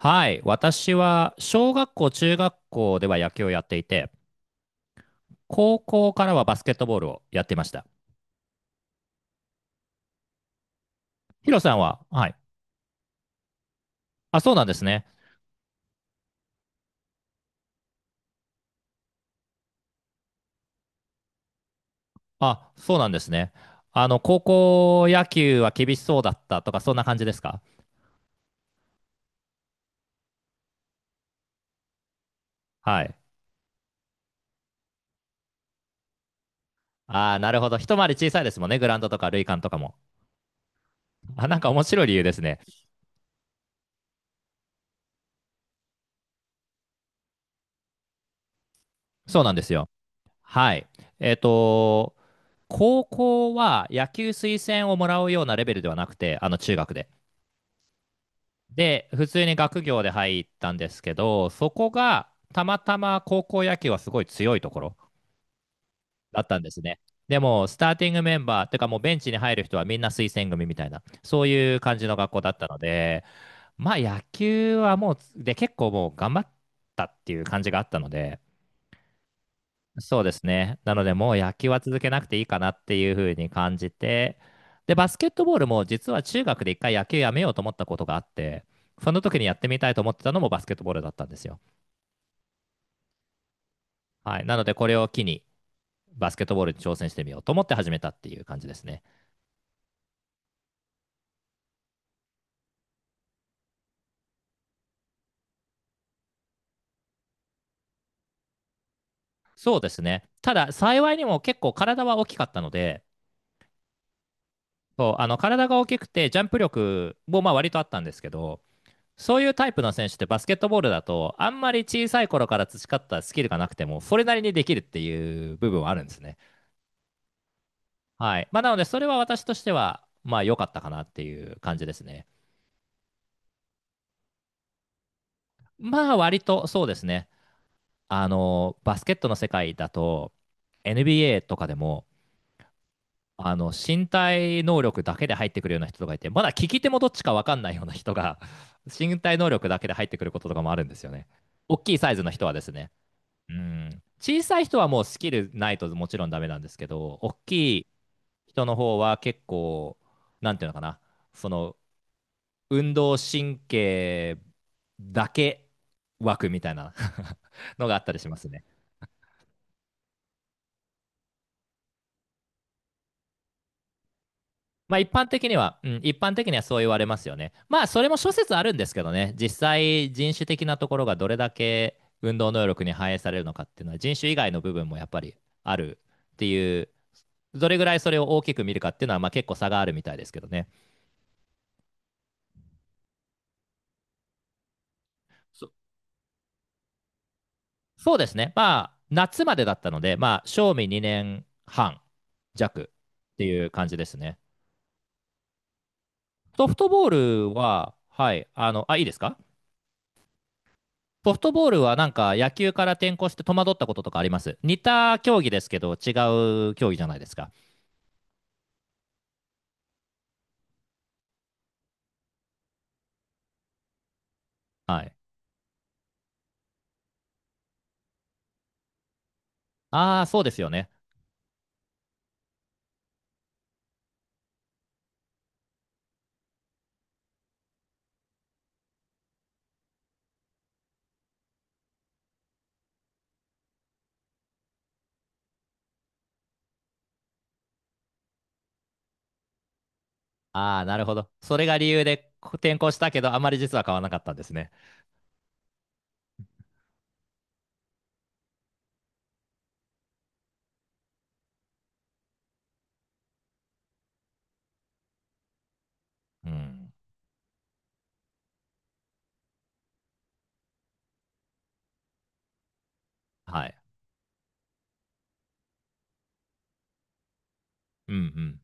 はい。私は、小学校、中学校では野球をやっていて、高校からはバスケットボールをやっていました。ヒロさんは、はい。あ、そうなんですね。あ、そうなんですね。高校野球は厳しそうだったとか、そんな感じですか？はい。ああ、なるほど。一回り小さいですもんね。グラウンドとか、塁間とかも。あ、なんか面白い理由ですね。そうなんですよ。はい。えっと、高校は野球推薦をもらうようなレベルではなくて、中学で。で、普通に学業で入ったんですけど、そこがたまたま高校野球はすごい強いところだったんですね。でも、スターティングメンバー、てかもうベンチに入る人はみんな推薦組みたいな、そういう感じの学校だったので、まあ野球はもう、で、結構もう頑張ったっていう感じがあったので、そうですね。なので、もう野球は続けなくていいかなっていうふうに感じて、で、バスケットボールも実は中学で一回野球やめようと思ったことがあって、その時にやってみたいと思ってたのもバスケットボールだったんですよ。はい。なので、これを機にバスケットボールに挑戦してみようと思って始めたっていう感じですね。そうですね。ただ、幸いにも結構体は大きかったので、そう、体が大きくて、ジャンプ力もまあ割とあったんですけど、そういうタイプの選手ってバスケットボールだと、あんまり小さい頃から培ったスキルがなくても、それなりにできるっていう部分はあるんですね。はい。まあ、なので、それは私としては、まあ、良かったかなっていう感じですね。まあ、割とそうですね。バスケットの世界だと、NBA とかでも、身体能力だけで入ってくるような人がいて、まだ利き手もどっちか分かんないような人が、身体能力だけで入ってくることとかもあるんですよね。大きいサイズの人はですね。うん、小さい人はもうスキルないともちろんダメなんですけど、大きい人の方は結構、なんていうのかな、その運動神経だけ枠みたいな のがあったりしますね。まあ一般的には、うん、一般的にはそう言われますよね。まあそれも諸説あるんですけどね、実際人種的なところがどれだけ運動能力に反映されるのかっていうのは人種以外の部分もやっぱりあるっていう、どれぐらいそれを大きく見るかっていうのはまあ結構差があるみたいですけどね。そそうですね、まあ夏までだったので、まあ賞味2年半弱っていう感じですね。ソフトボールは、はい、あの、あ、いいですか？ソフトボールはなんか野球から転向して戸惑ったこととかあります？似た競技ですけど違う競技じゃないですか。はい。ああ、そうですよね。ああ、なるほど。それが理由で転向したけど、あまり実は変わらなかったんですね。うん。はい。うん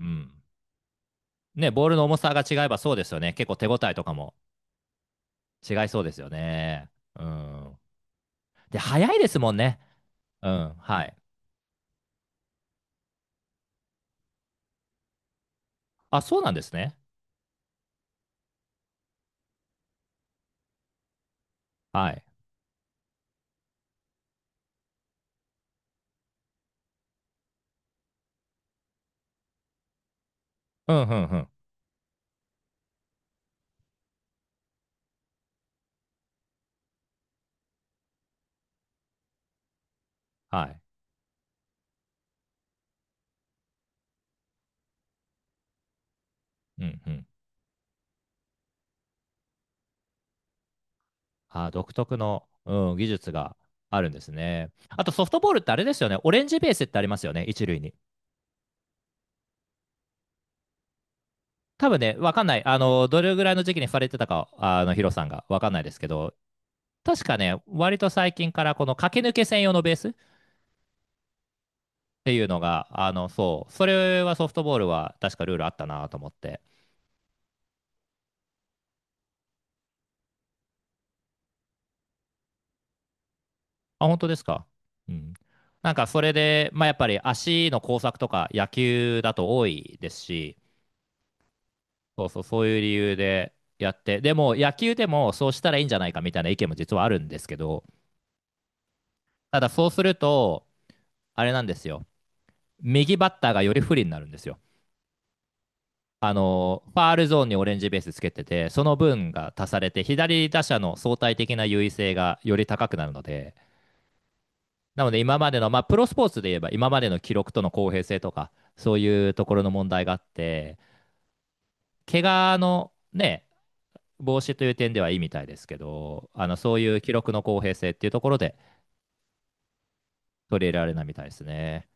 うん。うん。ね、ボールの重さが違えばそうですよね。結構手応えとかも違いそうですよね。うん。で、早いですもんね。うん。はい。あ、そうなんですね。はい。うんうんうん。はい。うんうん。あー独特の、うん、技術があるんですね。あとソフトボールってあれですよね。オレンジベースってありますよね、一塁に。多分ね、わかんない。どれぐらいの時期にされてたか、ヒロさんがわかんないですけど、確かね、割と最近からこの駆け抜け専用のベースっていうのが、あの、そう、それはソフトボールは確かルールあったなと思って。あ、本当ですか。うん。なんかそれで、まあ、やっぱり足の工作とか野球だと多いですし、そうそう、そういう理由でやって、でも野球でもそうしたらいいんじゃないかみたいな意見も実はあるんですけど、ただそうすると、あれなんですよ、右バッターがより不利になるんですよ。あのファールゾーンにオレンジベースつけてて、その分が足されて、左打者の相対的な優位性がより高くなるので、なので今までの、まあ、プロスポーツで言えば、今までの記録との公平性とか、そういうところの問題があって、怪我のね、防止という点ではいいみたいですけど、あのそういう記録の公平性っていうところで取り入れられないみたいですね。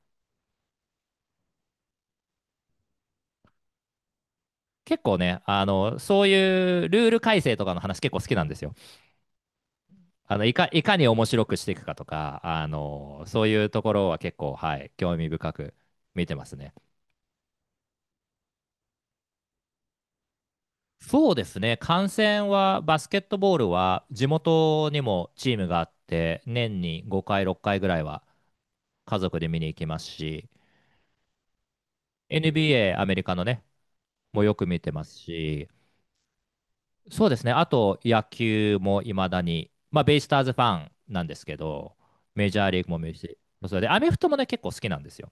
結構ね、あのそういうルール改正とかの話結構好きなんですよ。あのいかに面白くしていくかとか、あのそういうところは結構、はい、興味深く見てますね。そうですね、観戦は、バスケットボールは地元にもチームがあって、年に5回、6回ぐらいは家族で見に行きますし、NBA、アメリカのね、もよく見てますし、そうですね。あと、野球もいまだに、まあ、ベイスターズファンなんですけど、メジャーリーグも見るし、それで、アメフトもね、結構好きなんですよ。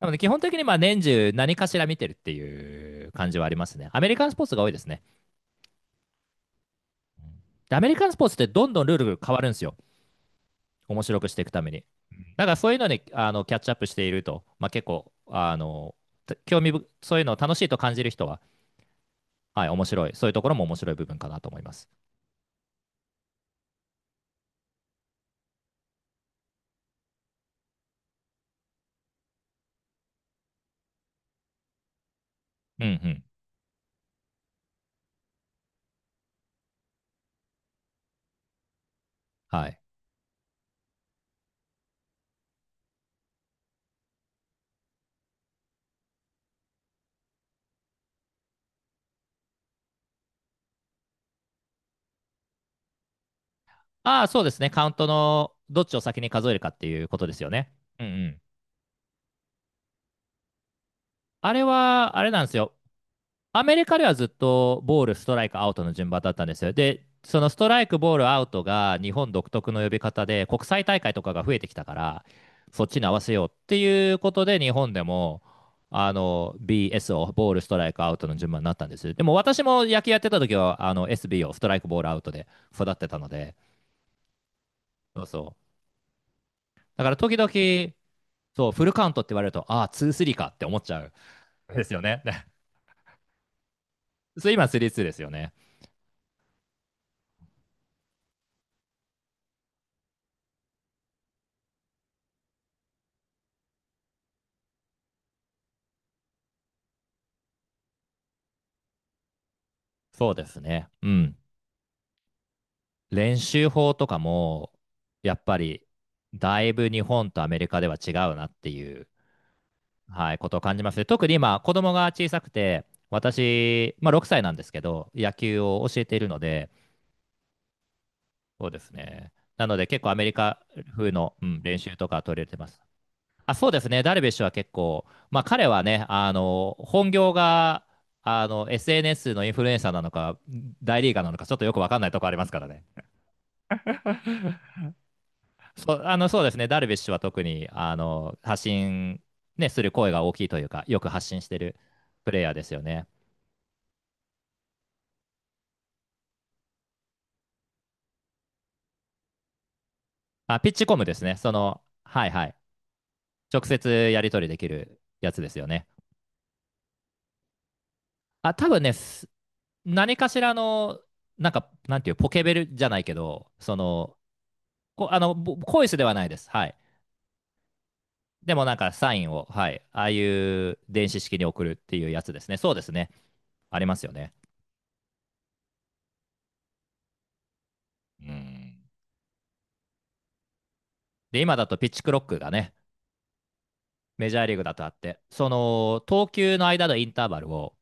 なので、基本的にまあ年中何かしら見てるっていう感じはありますね。アメリカンスポーツが多いですね。で、アメリカンスポーツってどんどんルールが変わるんですよ。面白くしていくために。だからそういうのにあのキャッチアップしていると、まあ、結構、あの、興味ぶ、そういうのを楽しいと感じる人は、はい、面白い。そういうところも面白い部分かなと思います。うんうん。はい。ああ、そうですね。カウントのどっちを先に数えるかっていうことですよね。うんうん。あれは、あれなんですよ。アメリカではずっとボール、ストライク、アウトの順番だったんですよ。で、そのストライク、ボール、アウトが日本独特の呼び方で、国際大会とかが増えてきたから、そっちに合わせようっていうことで、日本でも、BS をボール、ストライク、アウトの順番になったんです。でも私も野球やってた時は、SB をストライク、ボール、アウトで育ってたので、そうそう。だから時々、そう、フルカウントって言われると、ああ、2、3かって思っちゃうんですよね そう今、3、2ですよね。そうですね。うん。練習法とかも、やっぱり、だいぶ日本とアメリカでは違うなっていう、はい、ことを感じますね。特に今、子供が小さくて、私、まあ、6歳なんですけど、野球を教えているので、そうですね。なので、結構アメリカ風の、うん、練習とか取り入れてます。あ、そうですね。ダルビッシュは結構、まあ彼はね、あの、本業が、SNS のインフルエンサーなのか、大リーガーなのか、ちょっとよくわかんないとこありますからね。そう、あの、そうですね。ダルビッシュは特に、発信、ね、する声が大きいというか、よく発信してるプレイヤーですよね。あ、ピッチコムですね。その、はいはい。直接やり取りできるやつですよね。あ、多分ね、何かしらの、なんか、なんていう、ポケベルじゃないけど、その、あの、ボイスではないです。はい。でもなんかサインを、はい。ああいう電子式に送るっていうやつですね。そうですね。ありますよね。うん。で、今だとピッチクロックがね、メジャーリーグだとあって、その投球の間のインターバルを、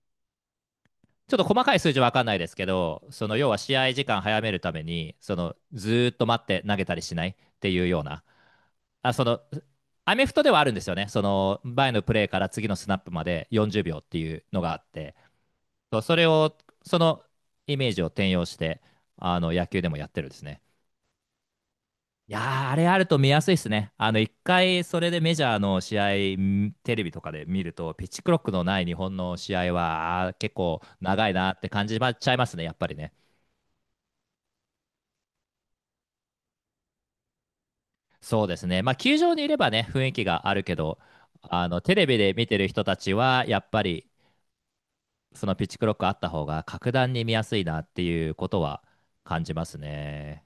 ちょっと細かい数字わかんないですけど、その要は試合時間早めるために、そのずーっと待って投げたりしないっていうような、あ、その、アメフトではあるんですよね。その前のプレーから次のスナップまで40秒っていうのがあって、そうそれを、そのイメージを転用して、あの野球でもやってるんですね。いやー、あれあると見やすいですね。あの、一回、それでメジャーの試合、テレビとかで見ると、ピッチクロックのない日本の試合は、あー結構長いなって感じちゃいますね、やっぱりね。そうですね。まあ、球場にいればね、雰囲気があるけど、あの、テレビで見てる人たちは、やっぱり、そのピッチクロックあった方が、格段に見やすいなっていうことは感じますね。